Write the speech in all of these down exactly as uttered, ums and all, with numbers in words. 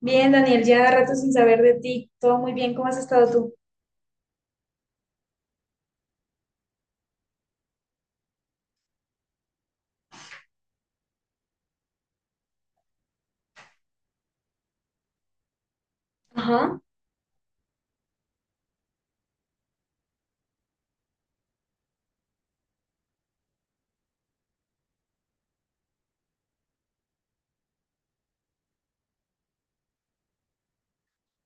Bien, Daniel, ya rato sin saber de ti. Todo muy bien, ¿cómo has estado tú? Ajá.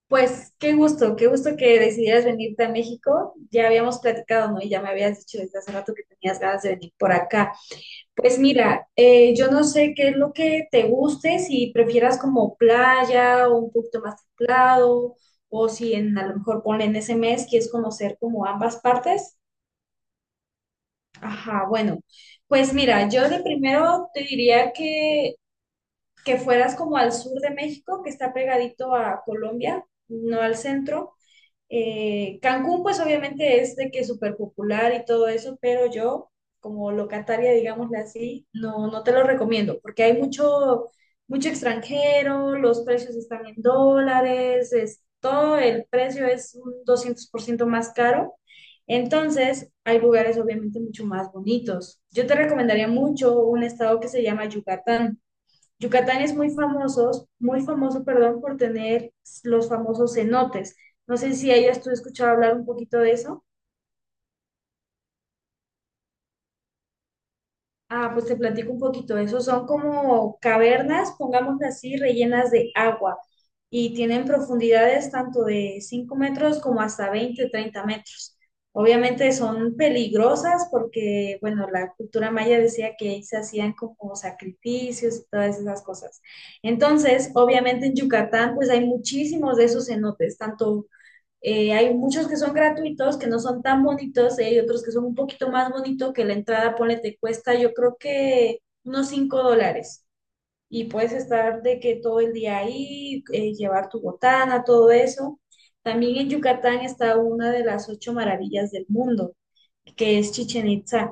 Pues qué gusto, qué gusto que decidieras venirte a México. Ya habíamos platicado, ¿no? Y ya me habías dicho desde hace rato que tenías ganas de venir por acá. Pues mira, eh, yo no sé qué es lo que te guste, si prefieras como playa o un poquito más templado, o si en, a lo mejor ponle en ese mes quieres conocer como ambas partes. Ajá, bueno, pues mira, yo de primero te diría que que fueras como al sur de México, que está pegadito a Colombia, no al centro. Eh, Cancún, pues obviamente es de que es súper popular y todo eso, pero yo, como locataria, digámosle así, no, no te lo recomiendo, porque hay mucho, mucho extranjero, los precios están en dólares, es, todo el precio es un doscientos por ciento más caro. Entonces, hay lugares obviamente mucho más bonitos. Yo te recomendaría mucho un estado que se llama Yucatán. Yucatán es muy famoso, muy famoso, perdón, por tener los famosos cenotes. No sé si hayas tú escuchado hablar un poquito de eso. Ah, pues te platico un poquito. Esos son como cavernas, pongámosle así, rellenas de agua y tienen profundidades tanto de cinco metros como hasta veinte, treinta metros. Obviamente son peligrosas porque, bueno, la cultura maya decía que ahí se hacían como sacrificios y todas esas cosas. Entonces, obviamente en Yucatán, pues hay muchísimos de esos cenotes, tanto eh, hay muchos que son gratuitos, que no son tan bonitos, eh, y hay otros que son un poquito más bonitos, que la entrada, ponle, te cuesta yo creo que unos cinco dólares. Y puedes estar de que todo el día ahí, eh, llevar tu botana, todo eso. También en Yucatán está una de las ocho maravillas del mundo, que es Chichen Itza.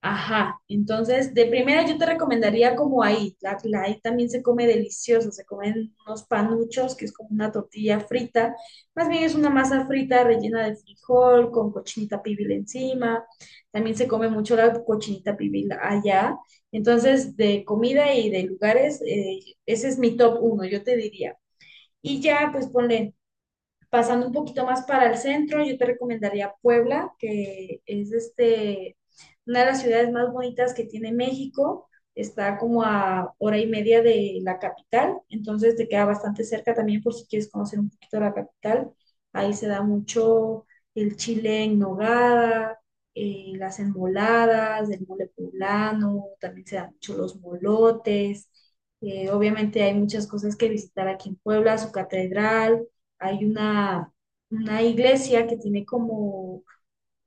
Ajá, entonces de primera yo te recomendaría como ahí, la, la ahí también se come delicioso, se comen unos panuchos, que es como una tortilla frita, más bien es una masa frita rellena de frijol con cochinita pibil encima, también se come mucho la cochinita pibil allá, entonces de comida y de lugares, eh, ese es mi top uno, yo te diría. Y ya, pues ponle, pasando un poquito más para el centro, yo te recomendaría Puebla, que es este, una de las ciudades más bonitas que tiene México. Está como a hora y media de la capital, entonces te queda bastante cerca también por si quieres conocer un poquito la capital. Ahí se da mucho el chile en nogada, eh, las enmoladas, el mole poblano, también se dan mucho los molotes. Eh, obviamente hay muchas cosas que visitar aquí en Puebla, su catedral, hay una, una iglesia que tiene como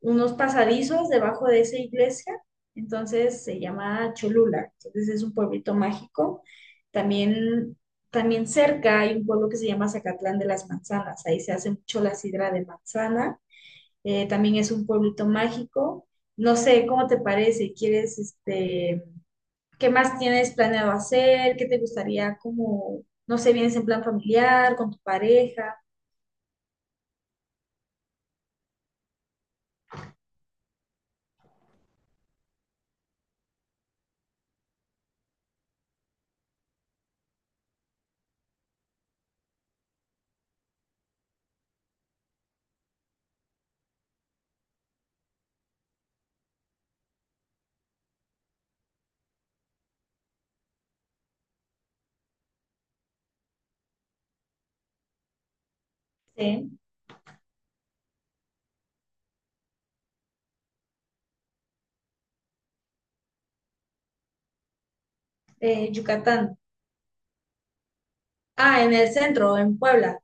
unos pasadizos debajo de esa iglesia, entonces se llama Cholula, entonces es un pueblito mágico. También, también cerca hay un pueblo que se llama Zacatlán de las Manzanas, ahí se hace mucho la sidra de manzana, eh, también es un pueblito mágico. No sé, ¿cómo te parece? ¿Quieres, este, qué más tienes planeado hacer? ¿Qué te gustaría como, no sé, vienes en plan familiar, con tu pareja? Sí. eh, Yucatán. Ah, en el centro, en Puebla.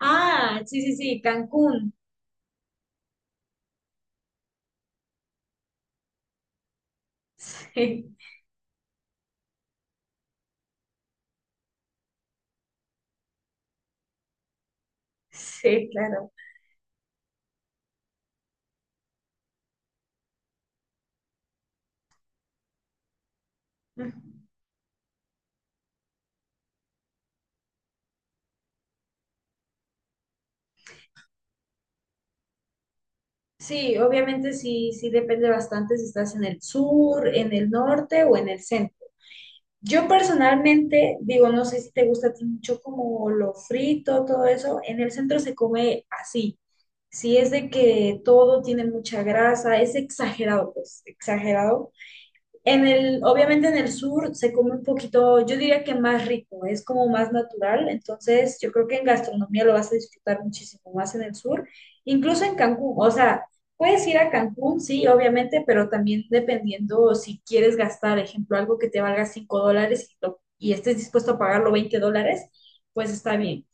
Ah, sí, sí, sí, Cancún. Sí, sí, claro. Sí, obviamente sí, sí depende bastante si estás en el sur, en el norte o en el centro. Yo personalmente digo, no sé si te gusta a ti mucho como lo frito, todo eso. En el centro se come así. Si es de que todo tiene mucha grasa, es exagerado, pues, exagerado. En el, obviamente en el sur se come un poquito, yo diría que más rico, es como más natural, entonces yo creo que en gastronomía lo vas a disfrutar muchísimo más en el sur, incluso en Cancún, o sea, puedes ir a Cancún, sí, obviamente, pero también dependiendo si quieres gastar, ejemplo, algo que te valga cinco dólares y, lo- y estés dispuesto a pagarlo veinte dólares, pues está bien,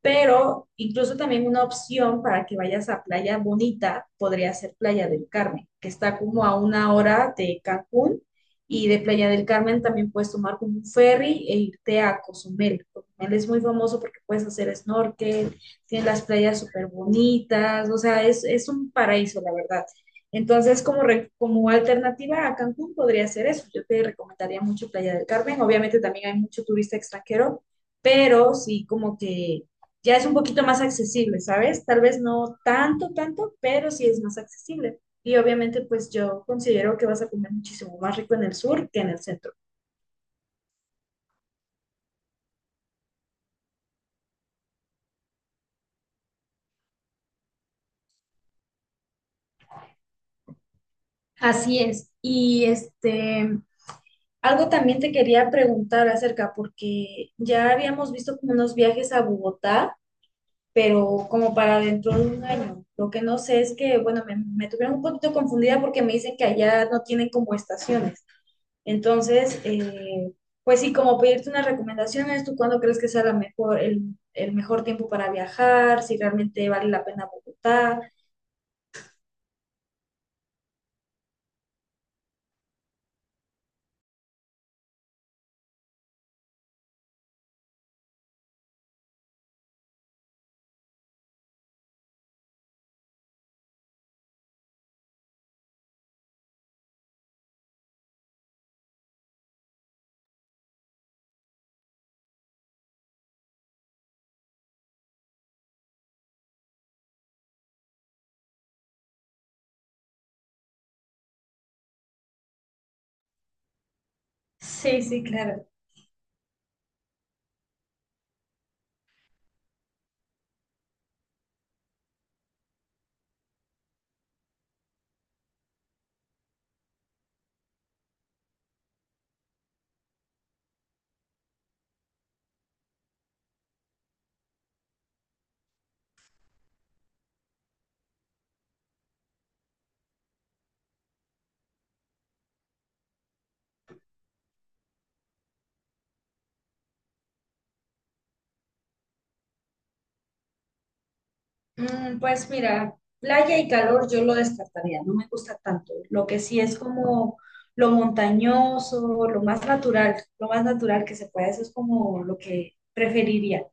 pero incluso también una opción para que vayas a Playa Bonita podría ser Playa del Carmen, que está como a una hora de Cancún, y de Playa del Carmen también puedes tomar como un ferry e irte a Cozumel. Cozumel es muy famoso porque puedes hacer snorkel, tiene las playas súper bonitas, o sea, es, es un paraíso, la verdad. Entonces, como, re- como alternativa a Cancún podría ser eso. Yo te recomendaría mucho Playa del Carmen. Obviamente también hay mucho turista extranjero, pero sí como que ya es un poquito más accesible, ¿sabes? Tal vez no tanto, tanto, pero sí es más accesible. Y obviamente, pues yo considero que vas a comer muchísimo más rico en el sur que en el centro. Así es. Y este, Algo también te quería preguntar acerca, porque ya habíamos visto como unos viajes a Bogotá, pero como para dentro de un año. Lo que no sé es que, bueno, me, me tuvieron un poquito confundida porque me dicen que allá no tienen como estaciones. Entonces, eh, pues sí, como pedirte unas recomendaciones, ¿tú cuándo crees que sea la mejor, el, el mejor tiempo para viajar? Si realmente vale la pena Bogotá. Sí, sí, claro. Mm, pues mira, playa y calor yo lo descartaría, no me gusta tanto. Lo que sí es como lo montañoso, lo más natural, lo más natural que se puede, eso es como lo que preferiría.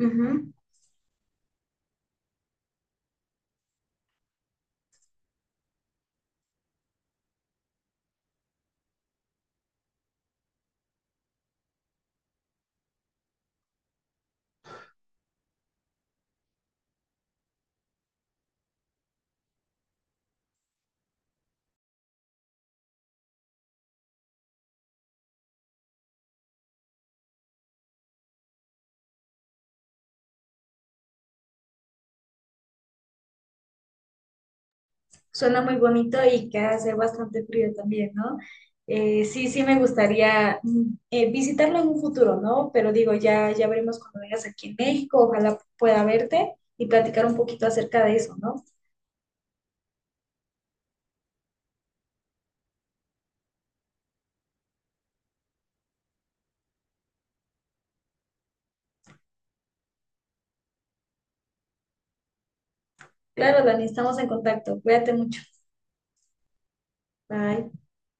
Ujú. Suena muy bonito y que hace bastante frío también, ¿no? Eh, sí, sí me gustaría mm, eh, visitarlo en un futuro, ¿no? Pero digo, ya, ya veremos cuando vengas aquí en México, ojalá pueda verte y platicar un poquito acerca de eso, ¿no? Claro, Dani, estamos en contacto. Cuídate mucho. Bye.